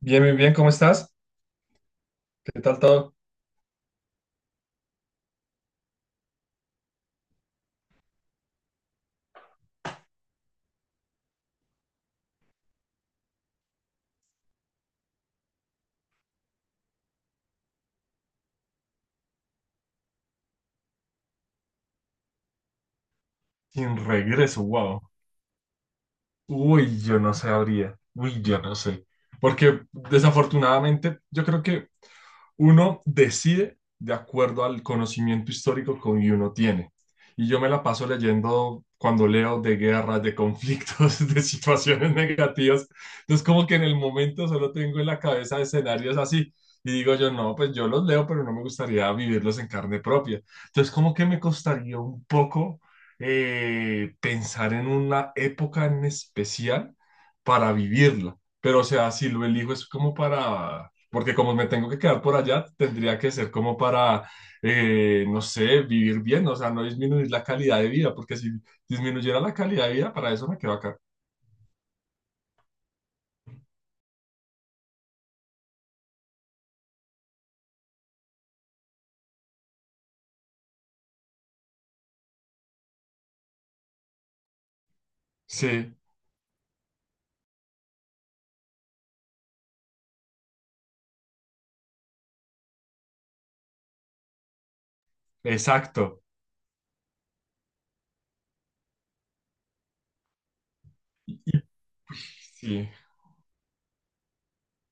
Bien, bien, bien, ¿cómo estás? ¿Qué tal todo? Sin regreso, wow. Uy, yo no sabría. Uy, yo no sé. Porque desafortunadamente, yo creo que uno decide de acuerdo al conocimiento histórico que uno tiene. Y yo me la paso leyendo cuando leo de guerras, de conflictos, de situaciones negativas. Entonces, como que en el momento solo tengo en la cabeza escenarios así. Y digo yo, no, pues yo los leo, pero no me gustaría vivirlos en carne propia. Entonces, como que me costaría un poco pensar en una época en especial para vivirla. Pero, o sea, si lo elijo es como para, porque como me tengo que quedar por allá, tendría que ser como para, no sé, vivir bien, o sea, no disminuir la calidad de vida, porque si disminuyera la calidad de vida, para eso me quedo acá. Sí, exacto. Sí,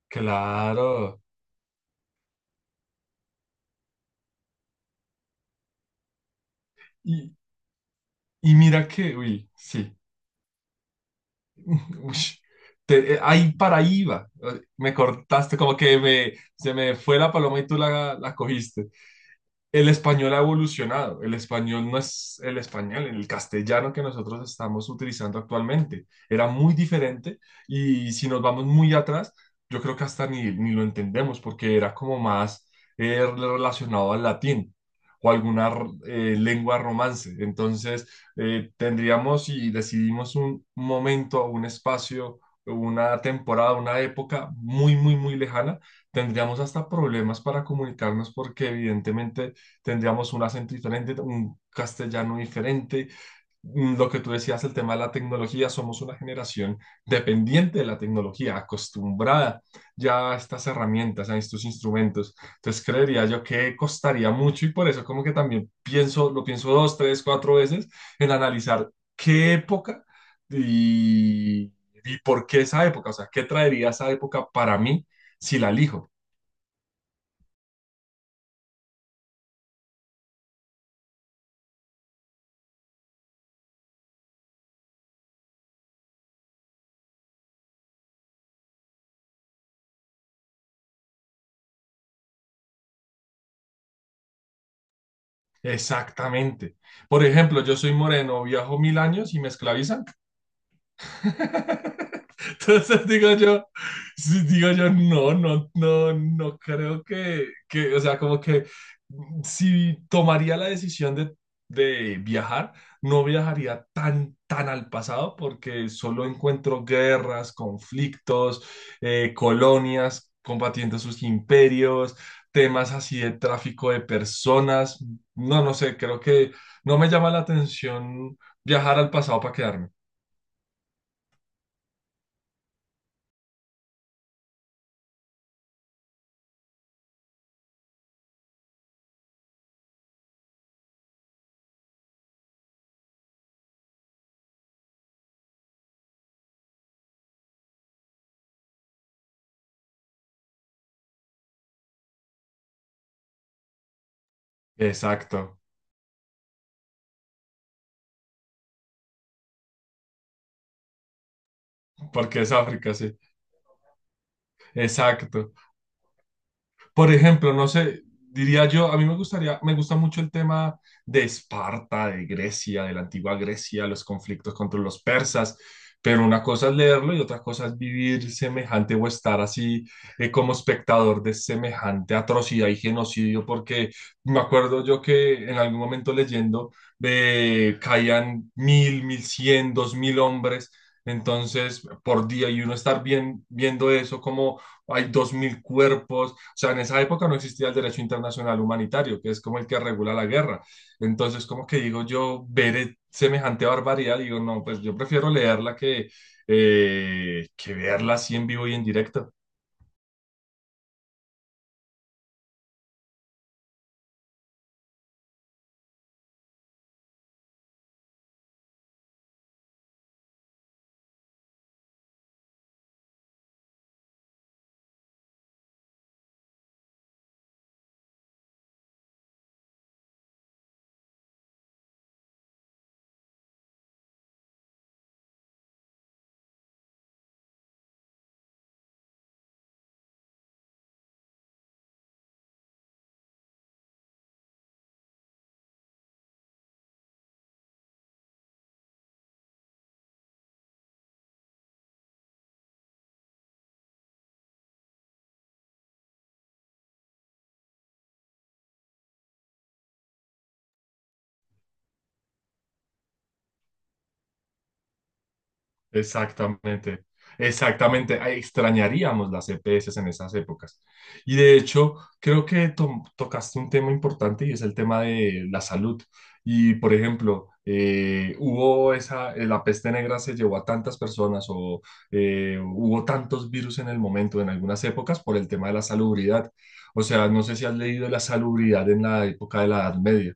claro. Y, y mira que, uy, sí. Ush, ahí para ahí iba. Me cortaste, como que me, se me fue la paloma y tú la cogiste. El español ha evolucionado, el español no es el español, el castellano que nosotros estamos utilizando actualmente. Era muy diferente, y si nos vamos muy atrás, yo creo que hasta ni lo entendemos porque era como más relacionado al latín o alguna lengua romance. Entonces, tendríamos y decidimos un momento, un espacio, una temporada, una época muy, muy, muy lejana, tendríamos hasta problemas para comunicarnos porque evidentemente tendríamos un acento diferente, un castellano diferente. Lo que tú decías, el tema de la tecnología, somos una generación dependiente de la tecnología, acostumbrada ya a estas herramientas, a estos instrumentos. Entonces creería yo que costaría mucho, y por eso como que también pienso, lo pienso dos, tres, cuatro veces en analizar qué época y, y por qué esa época, o sea, qué traería esa época para mí si la elijo. Exactamente. Por ejemplo, yo soy moreno, viajo 1.000 años y me esclavizan. Entonces digo yo, sí, digo yo, no, no, no, no creo que, o sea, como que si tomaría la decisión de viajar, no viajaría tan, tan al pasado porque solo encuentro guerras, conflictos, colonias combatiendo sus imperios, temas así de tráfico de personas. No, no sé, creo que no me llama la atención viajar al pasado para quedarme. Exacto. Porque es África, sí. Exacto. Por ejemplo, no sé, diría yo, a mí me gustaría, me gusta mucho el tema de Esparta, de Grecia, de la antigua Grecia, los conflictos contra los persas, pero una cosa es leerlo y otra cosa es vivir semejante o estar así como espectador de semejante atrocidad y genocidio, porque me acuerdo yo que en algún momento leyendo caían 1.000, 1.100, 2.000 hombres. Entonces, por día, y uno estar bien, viendo eso como hay 2.000 cuerpos. O sea, en esa época no existía el derecho internacional humanitario, que es como el que regula la guerra. Entonces, como que digo yo, veré semejante barbaridad, digo, no, pues yo prefiero leerla que verla así en vivo y en directo. Exactamente, exactamente. Ay, extrañaríamos las EPS en esas épocas. Y de hecho, creo que tocaste un tema importante, y es el tema de la salud. Y por ejemplo, hubo esa, la peste negra se llevó a tantas personas, o hubo tantos virus en el momento, en algunas épocas, por el tema de la salubridad. O sea, no sé si has leído de la salubridad en la época de la Edad Media.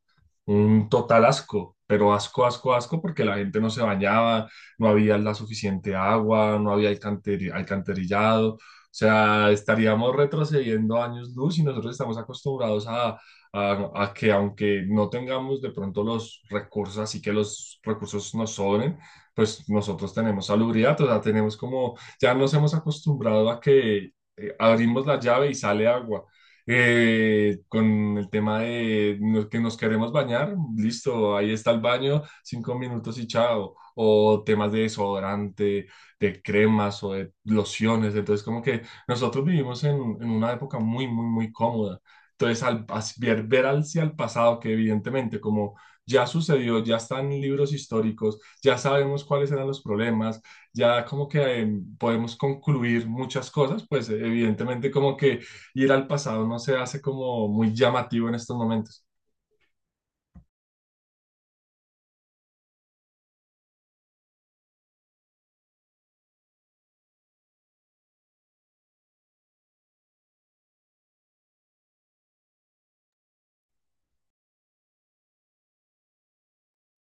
Un total asco, pero asco, asco, asco, porque la gente no se bañaba, no había la suficiente agua, no había alcantarillado. O sea, estaríamos retrocediendo años luz, y nosotros estamos acostumbrados a que, aunque no tengamos de pronto los recursos, así que los recursos nos sobren, pues nosotros tenemos salubridad, o sea, tenemos como, ya nos hemos acostumbrado a que abrimos la llave y sale agua, con el tema de que nos queremos bañar, listo, ahí está el baño, 5 minutos y chao, o temas de desodorante, de cremas o de lociones. Entonces, como que nosotros vivimos en, una época muy, muy, muy cómoda. Entonces, ver hacia el pasado, que evidentemente, como ya sucedió, ya están libros históricos, ya sabemos cuáles eran los problemas, ya como que podemos concluir muchas cosas, pues evidentemente, como que ir al pasado no se hace como muy llamativo en estos momentos.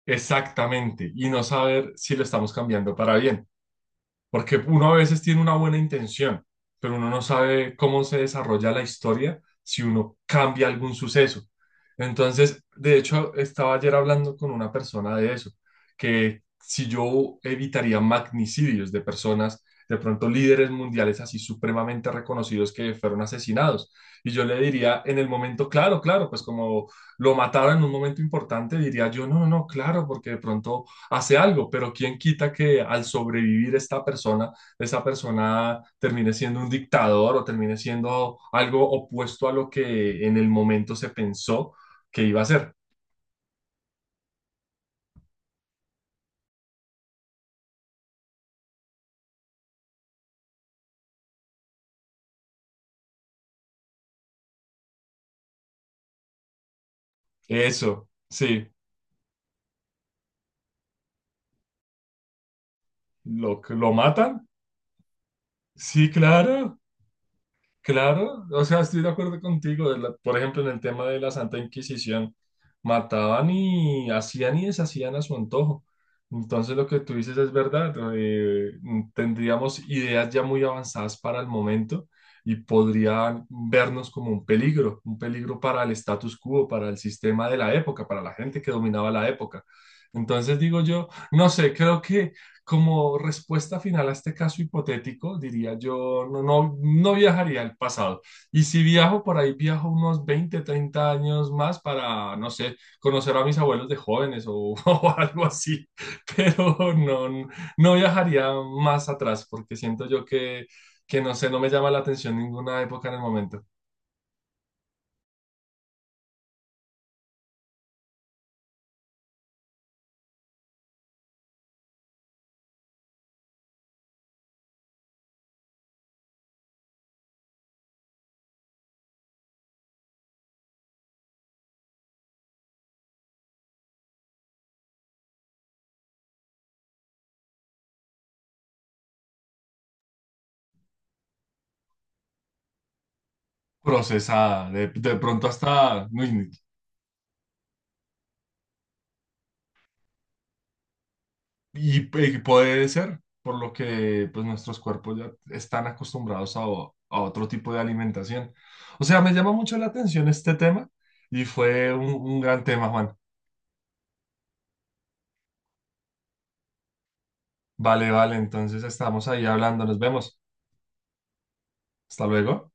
Exactamente, y no saber si lo estamos cambiando para bien. Porque uno a veces tiene una buena intención, pero uno no sabe cómo se desarrolla la historia si uno cambia algún suceso. Entonces, de hecho, estaba ayer hablando con una persona de eso, que si yo evitaría magnicidios de personas, de pronto líderes mundiales así supremamente reconocidos que fueron asesinados. Y yo le diría en el momento, claro, claro, pues como lo mataron en un momento importante, diría yo, no, no, no, claro, porque de pronto hace algo, pero quién quita que al sobrevivir esta persona, esa persona termine siendo un dictador o termine siendo algo opuesto a lo que en el momento se pensó que iba a ser. Eso, sí, lo matan, sí, claro. Claro, o sea, estoy de acuerdo contigo. Por ejemplo, en el tema de la Santa Inquisición, mataban y hacían y deshacían a su antojo. Entonces, lo que tú dices es verdad. Tendríamos ideas ya muy avanzadas para el momento, y podrían vernos como un peligro para el status quo, para el sistema de la época, para la gente que dominaba la época. Entonces, digo yo, no sé, creo que como respuesta final a este caso hipotético, diría yo, no, no, no viajaría al pasado. Y si viajo por ahí, viajo unos 20, 30 años más para, no sé, conocer a mis abuelos de jóvenes, o o algo así. Pero no, no, no viajaría más atrás porque siento yo que, no sé, no me llama la atención ninguna época en el momento. Procesada, de pronto hasta, uy, Y, puede ser, por lo que pues nuestros cuerpos ya están acostumbrados a otro tipo de alimentación. O sea, me llama mucho la atención este tema, y fue un gran tema, Juan. Vale, vale, entonces estamos ahí hablando, nos vemos. Hasta luego.